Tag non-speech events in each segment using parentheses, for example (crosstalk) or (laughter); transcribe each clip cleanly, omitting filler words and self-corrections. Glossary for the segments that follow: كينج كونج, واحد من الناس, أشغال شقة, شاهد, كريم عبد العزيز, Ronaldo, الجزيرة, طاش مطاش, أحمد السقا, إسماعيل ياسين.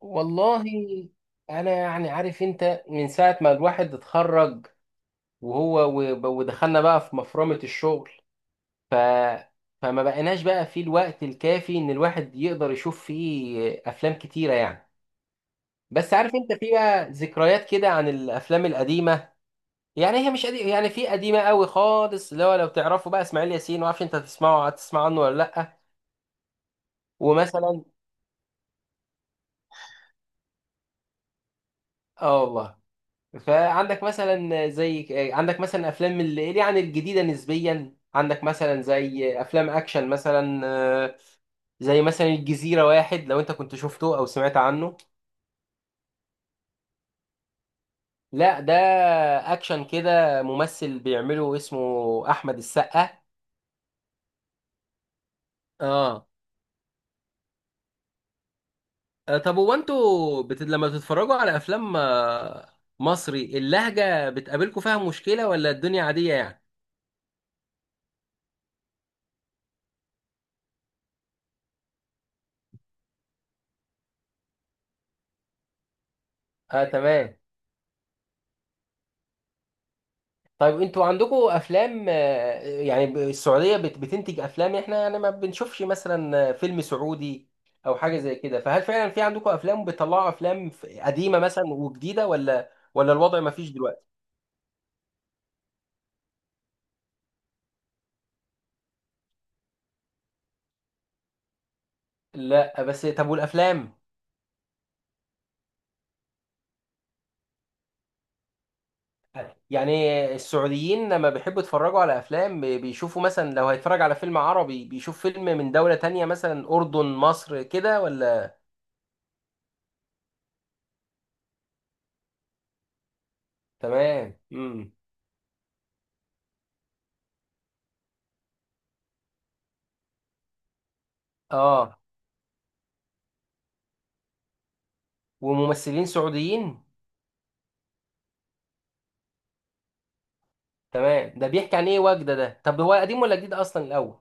والله، انا يعني عارف انت من ساعه ما الواحد اتخرج وهو ودخلنا بقى في مفرمه الشغل. ف فما بقيناش بقى في الوقت الكافي ان الواحد يقدر يشوف فيه افلام كتيره يعني. بس عارف انت، في بقى ذكريات كده عن الافلام القديمه. يعني هي مش قديمه، يعني في قديمه قوي خالص، اللي هو لو تعرفوا بقى اسماعيل ياسين، ما اعرفش انت هتسمعه، هتسمع عنه ولا لا؟ ومثلا... اه والله. فعندك مثلا زي عندك مثلا افلام اللي يعني الجديده نسبيا، عندك مثلا زي افلام اكشن مثلا، زي مثلا الجزيره، واحد لو انت كنت شفته او سمعت عنه. لا، ده اكشن كده، ممثل بيعمله اسمه احمد السقا. اه. طب هو انتوا لما بتتفرجوا على افلام مصري اللهجه، بتقابلكم فيها مشكله ولا الدنيا عاديه يعني؟ اه تمام. طيب انتوا عندكم افلام، يعني السعوديه بتنتج افلام؟ احنا يعني ما بنشوفش مثلا فيلم سعودي او حاجه زي كده، فهل فعلا في عندكم افلام، بتطلعوا افلام قديمه مثلا وجديده، ولا الوضع ما فيش دلوقتي؟ لا بس طب، والافلام؟ يعني السعوديين لما بيحبوا يتفرجوا على افلام بيشوفوا مثلا، لو هيتفرج على فيلم عربي بيشوف فيلم من دوله تانية، مثلا اردن، مصر كده، ولا؟ تمام اه. وممثلين سعوديين. تمام، ده بيحكي عن ايه وجدة ده؟ طب هو قديم ولا جديد اصلا الاول؟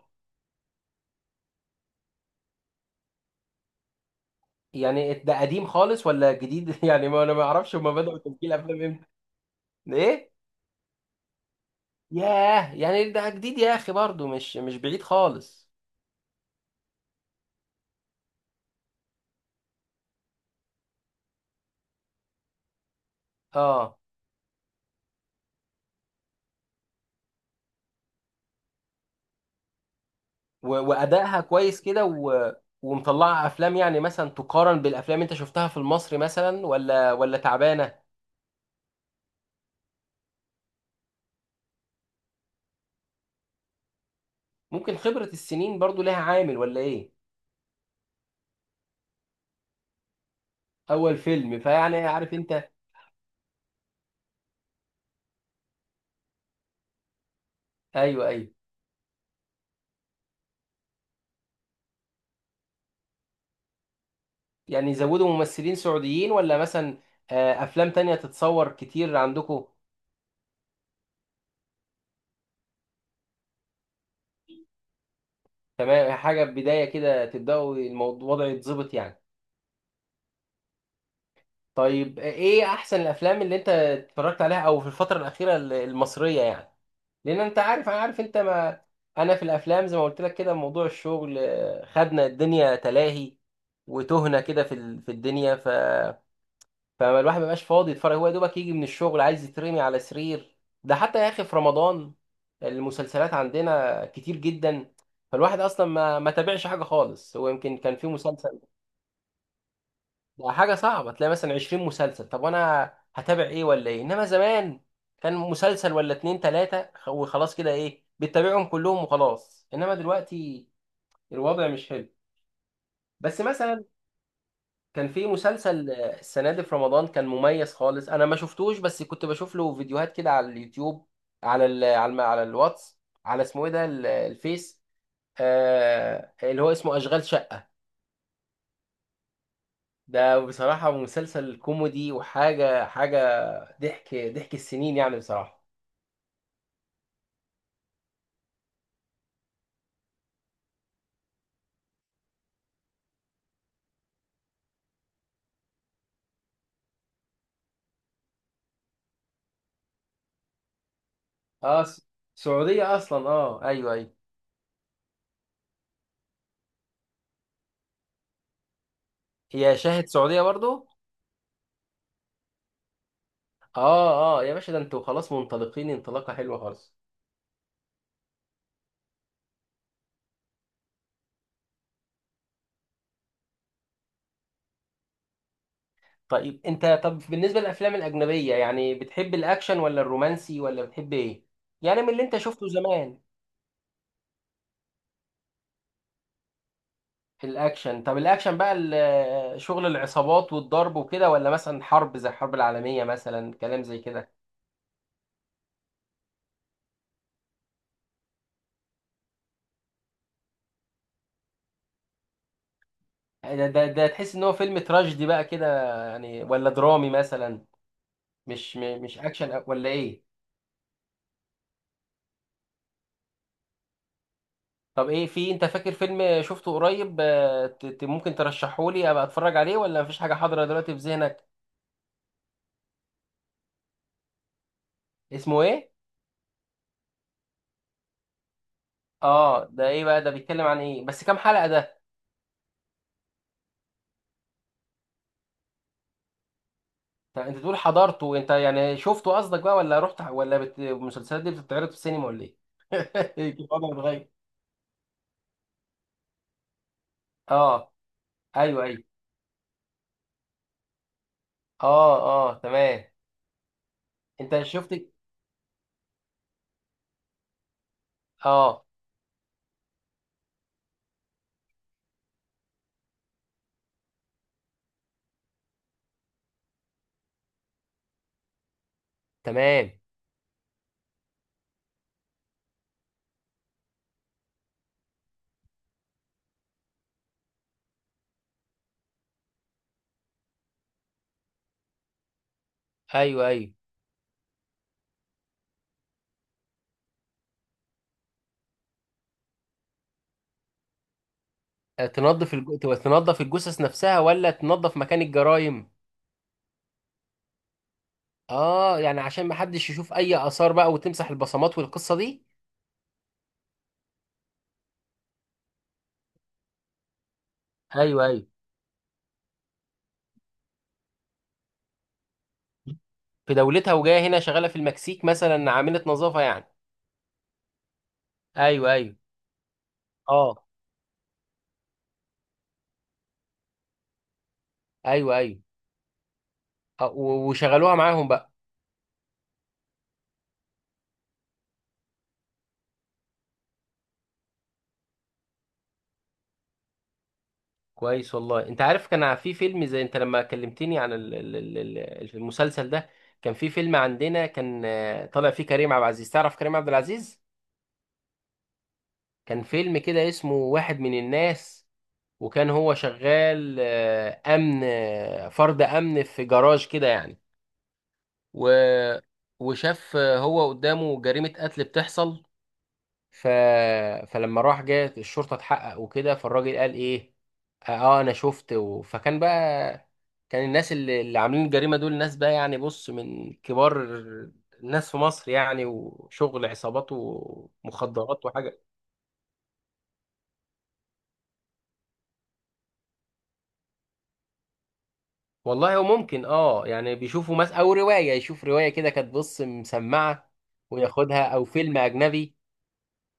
يعني ده قديم خالص ولا جديد (laughs) يعني، ما انا ما اعرفش هما بدأوا تمثيل افلام امتى. ده ايه؟ ياه، يعني ده جديد يا اخي، برضه مش بعيد خالص. اه، وادائها كويس كده. ومطلعه افلام يعني، مثلا تقارن بالافلام اللي انت شفتها في المصري مثلا، ولا تعبانه؟ ممكن خبرة السنين برضو لها عامل ولا ايه؟ اول فيلم، فيعني عارف انت. ايوه ايوه. يعني يزودوا ممثلين سعوديين ولا مثلا افلام تانية تتصور كتير عندكم؟ تمام، حاجة بداية كده، تبدأوا الموضوع، الوضع يتظبط يعني. طيب ايه احسن الافلام اللي انت اتفرجت عليها او في الفترة الأخيرة المصرية يعني؟ لان انت عارف، انا عارف انت ما... انا في الافلام زي ما قلت لك كده، موضوع الشغل خدنا، الدنيا تلاهي وتهنا كده في في الدنيا، فالواحد ما بقاش فاضي يتفرج، هو يا دوبك يجي من الشغل عايز يترمي على سرير. ده حتى يا اخي في رمضان، المسلسلات عندنا كتير جدا، فالواحد اصلا ما تابعش حاجه خالص، هو يمكن كان في مسلسل. ده حاجه صعبه، تلاقي مثلا 20 مسلسل، طب وانا هتابع ايه ولا ايه؟ انما زمان كان مسلسل ولا اتنين تلاته، وخلاص كده، ايه، بتتابعهم كلهم وخلاص، انما دلوقتي الوضع مش حلو. بس مثلا كان في مسلسل السنة دي في رمضان، كان مميز خالص، أنا ما شفتوش بس كنت بشوف له فيديوهات كده على اليوتيوب، على الواتس، على، اسمه إيه ده الفيس، آه اللي هو اسمه أشغال شقة. ده بصراحة مسلسل كوميدي، وحاجة حاجة، ضحك ضحك السنين يعني بصراحة. اه، سعودية أصلا، اه أيوه أيوه. هي شاهد سعودية برضو؟ اه اه يا باشا، ده انتوا خلاص منطلقين انطلاقة حلوة خالص. طيب انت، طب بالنسبه للافلام الاجنبيه، يعني بتحب الاكشن ولا الرومانسي ولا بتحب ايه؟ يعني من اللي انت شفته زمان. في الاكشن، طب الاكشن بقى شغل العصابات والضرب وكده، ولا مثلا حرب زي الحرب العالميه مثلا، كلام زي كده؟ ده تحس ان هو فيلم تراجيدي بقى كده يعني، ولا درامي مثلا؟ مش اكشن ولا ايه؟ طب ايه، في انت فاكر فيلم شفته قريب ممكن ترشحه لي ابقى اتفرج عليه، ولا مفيش حاجه حاضره دلوقتي في ذهنك؟ اسمه ايه؟ اه ده ايه بقى، ده بيتكلم عن ايه، بس كام حلقة ده؟ طب انت تقول حضرته انت، يعني شفته قصدك بقى ولا رحت، ولا المسلسلات دي بتتعرض في السينما ولا ايه؟ (laughs) إيه كده، وضع متغير. اه ايوه ايوه. اه اه تمام. انت شفت. اه. تمام. ايوه ايوه. تنظف تنظف الجثث نفسها ولا تنظف مكان الجرائم؟ اه، يعني عشان ما حدش يشوف اي اثار بقى، وتمسح البصمات والقصة دي. ايوه ايوه. في دولتها، وجايه هنا شغالة في المكسيك مثلا عاملة نظافة يعني؟ ايوه ايوه. اه. ايوه ايوه. وشغلوها معاهم بقى. كويس والله. انت عارف، كان في فيلم زي، انت لما كلمتني عن المسلسل ده، كان في فيلم عندنا، كان طالع فيه كريم عبد العزيز، تعرف كريم عبد العزيز؟ كان فيلم كده اسمه واحد من الناس، وكان هو شغال امن، فرد امن في جراج كده يعني، و وشاف هو قدامه جريمة قتل بتحصل. ف... فلما راح، جت الشرطه اتحقق وكده، فالراجل قال ايه، اه انا شفت فكان بقى، كان الناس اللي عاملين الجريمه دول ناس بقى، يعني بص، من كبار الناس في مصر يعني، وشغل عصابات ومخدرات وحاجه. والله هو ممكن، اه يعني بيشوفوا مثلا او روايه، يشوف روايه كده كانت بص مسمعه وياخدها، او فيلم اجنبي،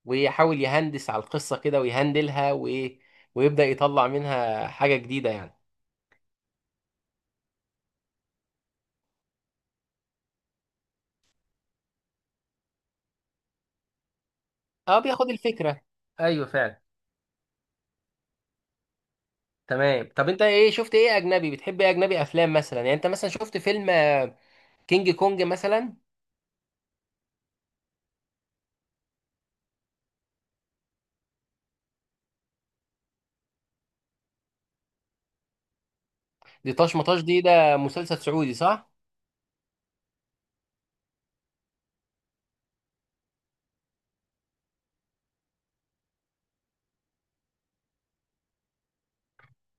ويحاول يهندس على القصه كده ويهندلها وايه، ويبدا يطلع منها حاجه جديده يعني. اه، بياخد الفكره، ايوه فعلا. تمام. طب انت ايه، شفت ايه اجنبي، بتحب ايه اجنبي، افلام مثلا يعني؟ انت مثلا شفت فيلم كينج كونج مثلا؟ دي طاش مطاش دي، ده مسلسل سعودي صح؟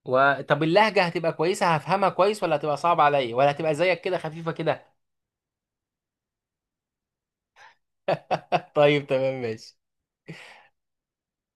طب اللهجه هتبقى كويسه هفهمها كويس، ولا هتبقى صعبه عليا، ولا هتبقى زيك كده خفيفه كده؟ (laughs) طيب تمام، ماشي.